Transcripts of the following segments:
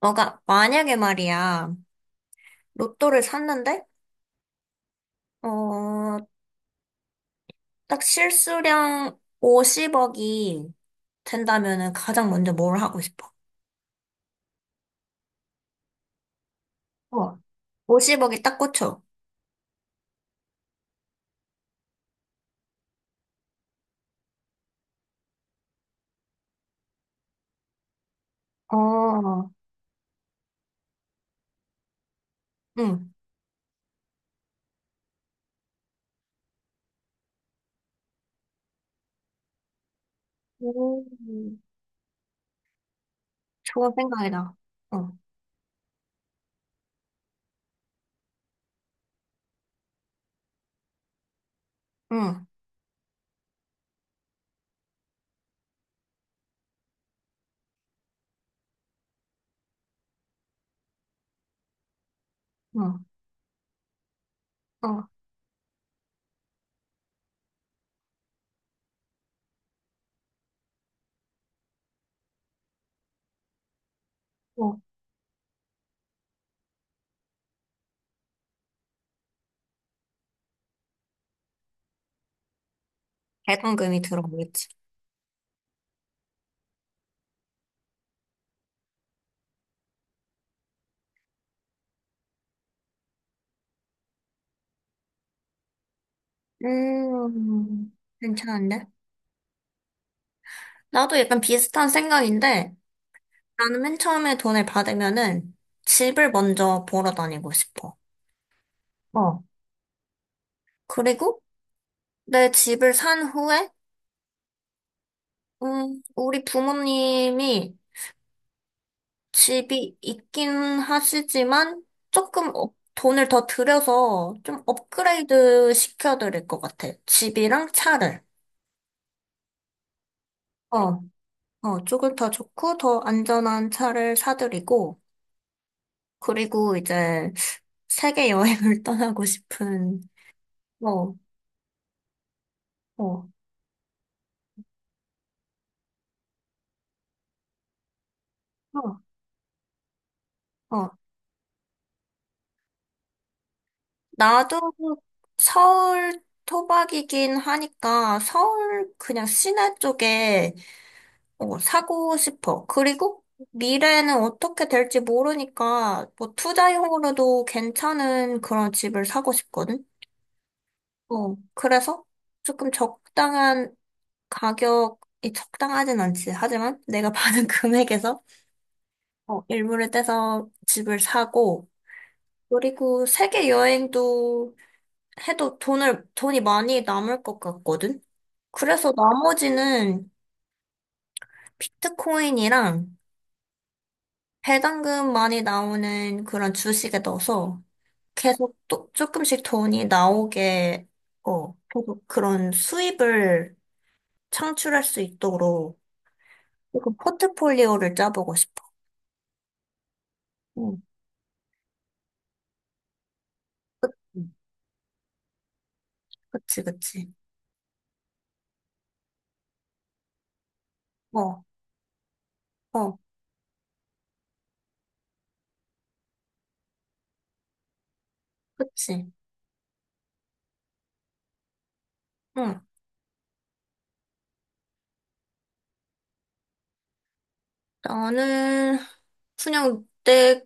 만약에 말이야, 로또를 샀는데, 어, 딱 실수령 50억이 된다면은 가장 먼저 뭘 하고 싶어? 어. 50억이 딱 꽂혀. 어. 응. 오, 좋은 생각이다. 어, 응, 응, 어, 어. 배당금이 들어오겠지. 음. 괜찮은데? 나도 약간 비슷한 생각인데, 나는 맨 처음에 돈을 받으면은 집을 먼저 보러 다니고 싶어. 어. 그리고 내 집을 산 후에, 우리 부모님이 집이 있긴 하시지만 조금 돈을 더 들여서 좀 업그레이드 시켜드릴 것 같아. 집이랑 차를. 어, 어, 조금 더 좋고 더 안전한 차를 사드리고, 그리고 이제 세계 여행을 떠나고 싶은, 어, 어, 어, 어, 나도 서울 토박이긴 하니까 서울 그냥 시내 쪽에 어, 사고 싶어. 그리고 미래는 어떻게 될지 모르니까 뭐 투자용으로도 괜찮은 그런 집을 사고 싶거든. 어, 그래서 조금 적당한 가격이 적당하진 않지. 하지만 내가 받은 금액에서 어, 일부를 떼서 집을 사고 그리고 세계 여행도 해도 돈이 많이 남을 것 같거든? 그래서 나머지는 비트코인이랑 배당금 많이 나오는 그런 주식에 넣어서 계속 또 조금씩 돈이 나오게, 어, 계속 그런 수입을 창출할 수 있도록 조금 포트폴리오를 짜보고 싶어. 응, 응. 그치, 그치. 어, 어, 그치. 응. 나는 그냥 내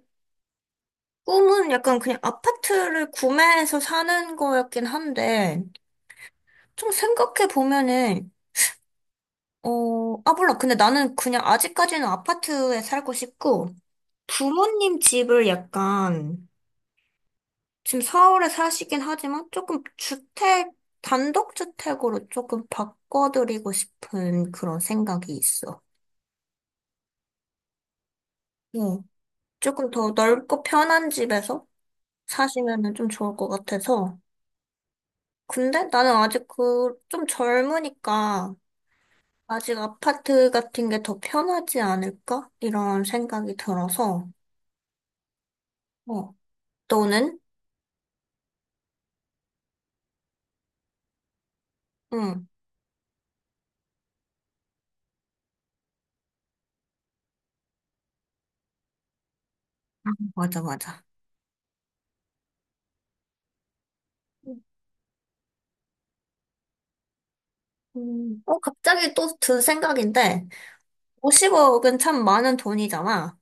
꿈은 약간 그냥 아파트를 구매해서 사는 거였긴 한데, 좀 생각해 보면은, 어, 아, 몰라. 근데 나는 그냥 아직까지는 아파트에 살고 싶고, 부모님 집을 약간, 지금 서울에 사시긴 하지만 조금 주택, 단독주택으로 조금 바꿔드리고 싶은 그런 생각이 있어. 응. 조금 더 넓고 편한 집에서 사시면은 좀 좋을 것 같아서. 근데 나는 아직 그, 좀 젊으니까, 아직 아파트 같은 게 더 편하지 않을까? 이런 생각이 들어서, 어, 너는? 응, 아, 맞아, 맞아. 어, 갑자기 또 든 생각인데, 50억은 참 많은 돈이잖아.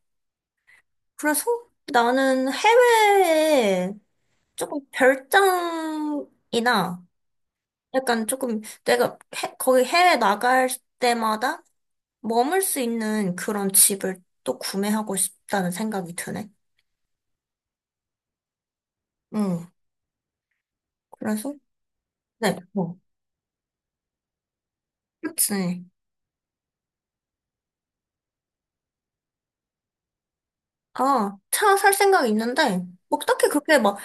그래서 나는 해외에 조금 별장이나 약간 조금 내가 거기 해외 나갈 때마다 머물 수 있는 그런 집을 또 구매하고 싶다는 생각이 드네. 응, 그래서, 네. 뭐. 그치. 아, 차 살 생각 있는데, 뭐 딱히 그렇게 막,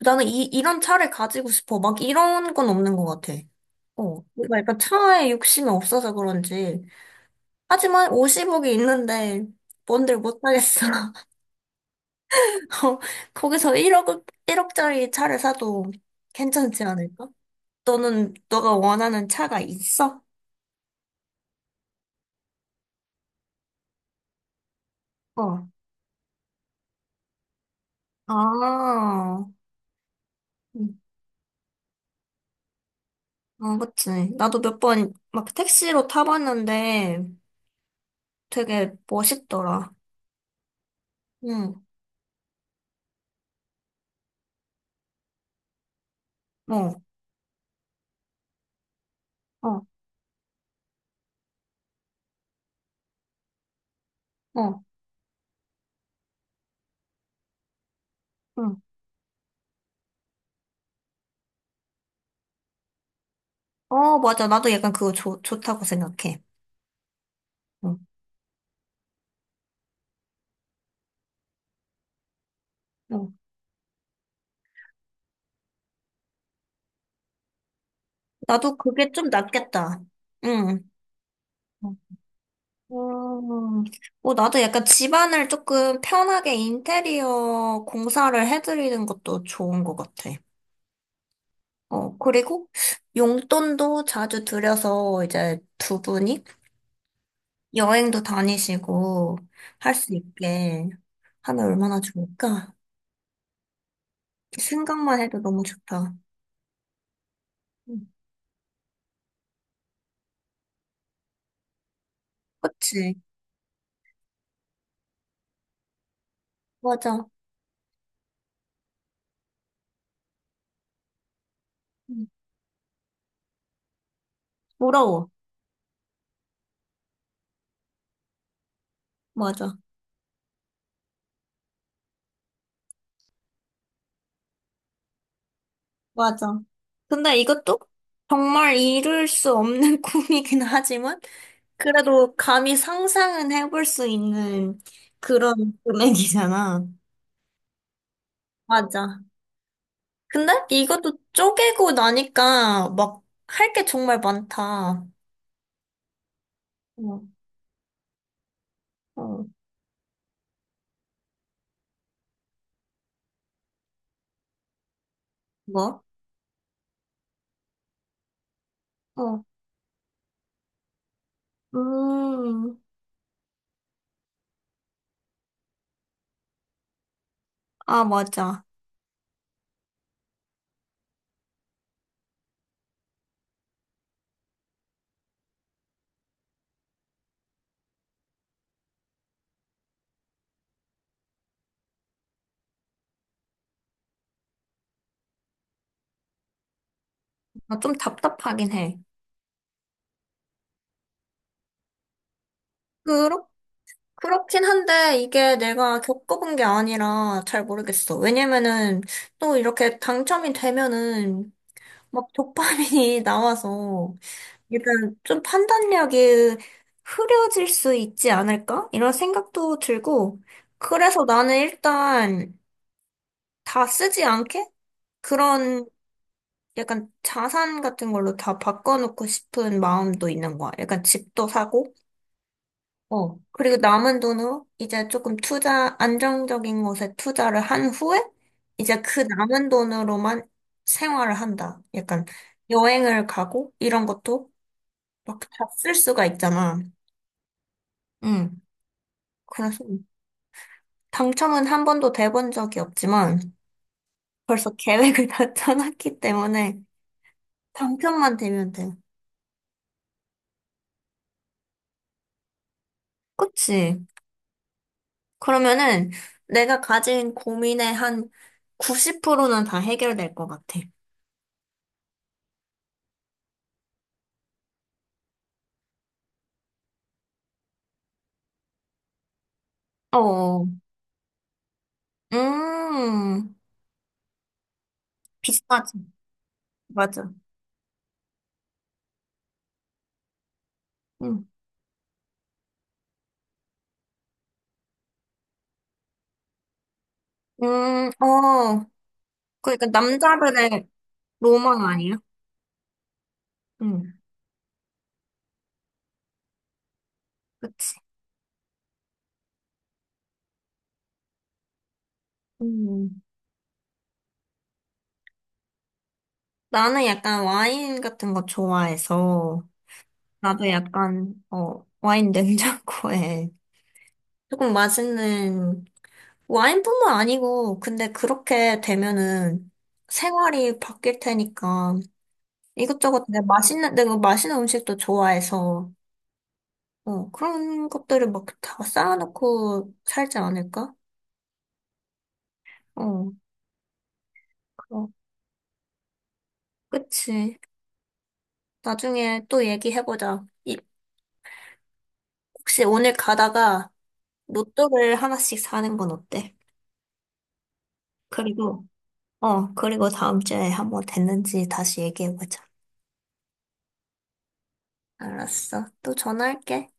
나는 이, 이런 차를 가지고 싶어. 막 이런 건 없는 것 같아. 어, 내가 약간 차에 욕심이 없어서 그런지. 하지만 50억이 있는데, 뭔들 못 하겠어. 어, 거기서 일억짜리 차를 사도 괜찮지 않을까? 너가 원하는 차가 있어? 어. 아, 음, 아, 그치. 나도 몇 번 막 택시로 타봤는데, 되게 멋있더라. 응, 어, 어, 어, 응. 어, 맞아. 나도 약간 그거 좋다고 생각해. 응, 응. 나도 그게 좀 낫겠다. 응. 음, 어, 나도 약간 집안을 조금 편하게 인테리어 공사를 해드리는 것도 좋은 것 같아. 어, 그리고 용돈도 자주 들여서 이제 두 분이 여행도 다니시고 할 수 있게 하면 얼마나 좋을까? 생각만 해도 너무 좋다. 응. 그치? 맞아. 음. 부러워. 맞아. 맞아. 근데 이것도 정말 이룰 수 없는 꿈이긴 하지만, 그래도 감히 상상은 해볼 수 있는 그런 금액이잖아. 맞아. 근데 이것도 쪼개고 나니까 막 할 게 정말 많다. 어, 어, 뭐? 어, 음, 아, 맞아. 아, 좀 답답하긴 해. 그렇구나. 그렇긴 한데 이게 내가 겪어본 게 아니라 잘 모르겠어. 왜냐면은 또 이렇게 당첨이 되면은 막 도파민이 나와서 일단 좀 판단력이 흐려질 수 있지 않을까? 이런 생각도 들고 그래서 나는 일단 다 쓰지 않게 그런 약간 자산 같은 걸로 다 바꿔놓고 싶은 마음도 있는 거야. 약간 집도 사고 어. 그리고 남은 돈으로 이제 조금 안정적인 곳에 투자를 한 후에 이제 그 남은 돈으로만 생활을 한다. 약간 여행을 가고 이런 것도 막 다 쓸 수가 있잖아. 응. 그래서 당첨은 한 번도 돼본 적이 없지만 벌써 계획을 다 짜놨기 때문에 당첨만 되면 돼. 그치? 그러면은 내가 가진 고민의 한 90%는 다 해결될 것 같아. 어. 음, 비싸지. 맞아. 응. 어. 그러니까 남자들의 로망 아니야? 응, 그치. 음. 나는 약간 와인 같은 거 좋아해서, 나도 약간, 어, 와인 냉장고에 조금 맛있는, 와인뿐만 아니고, 근데 그렇게 되면은 생활이 바뀔 테니까, 이것저것 내가 맛있는 음식도 좋아해서, 어, 그런 것들을 막 다 쌓아놓고 살지 않을까? 어, 그럼. 그치. 나중에 또 얘기해보자. 혹시 오늘 가다가 로또를 하나씩 사는 건 어때? 그리고, 그리고 다음 주에 한번 됐는지 다시 얘기해보자. 알았어. 또 전화할게.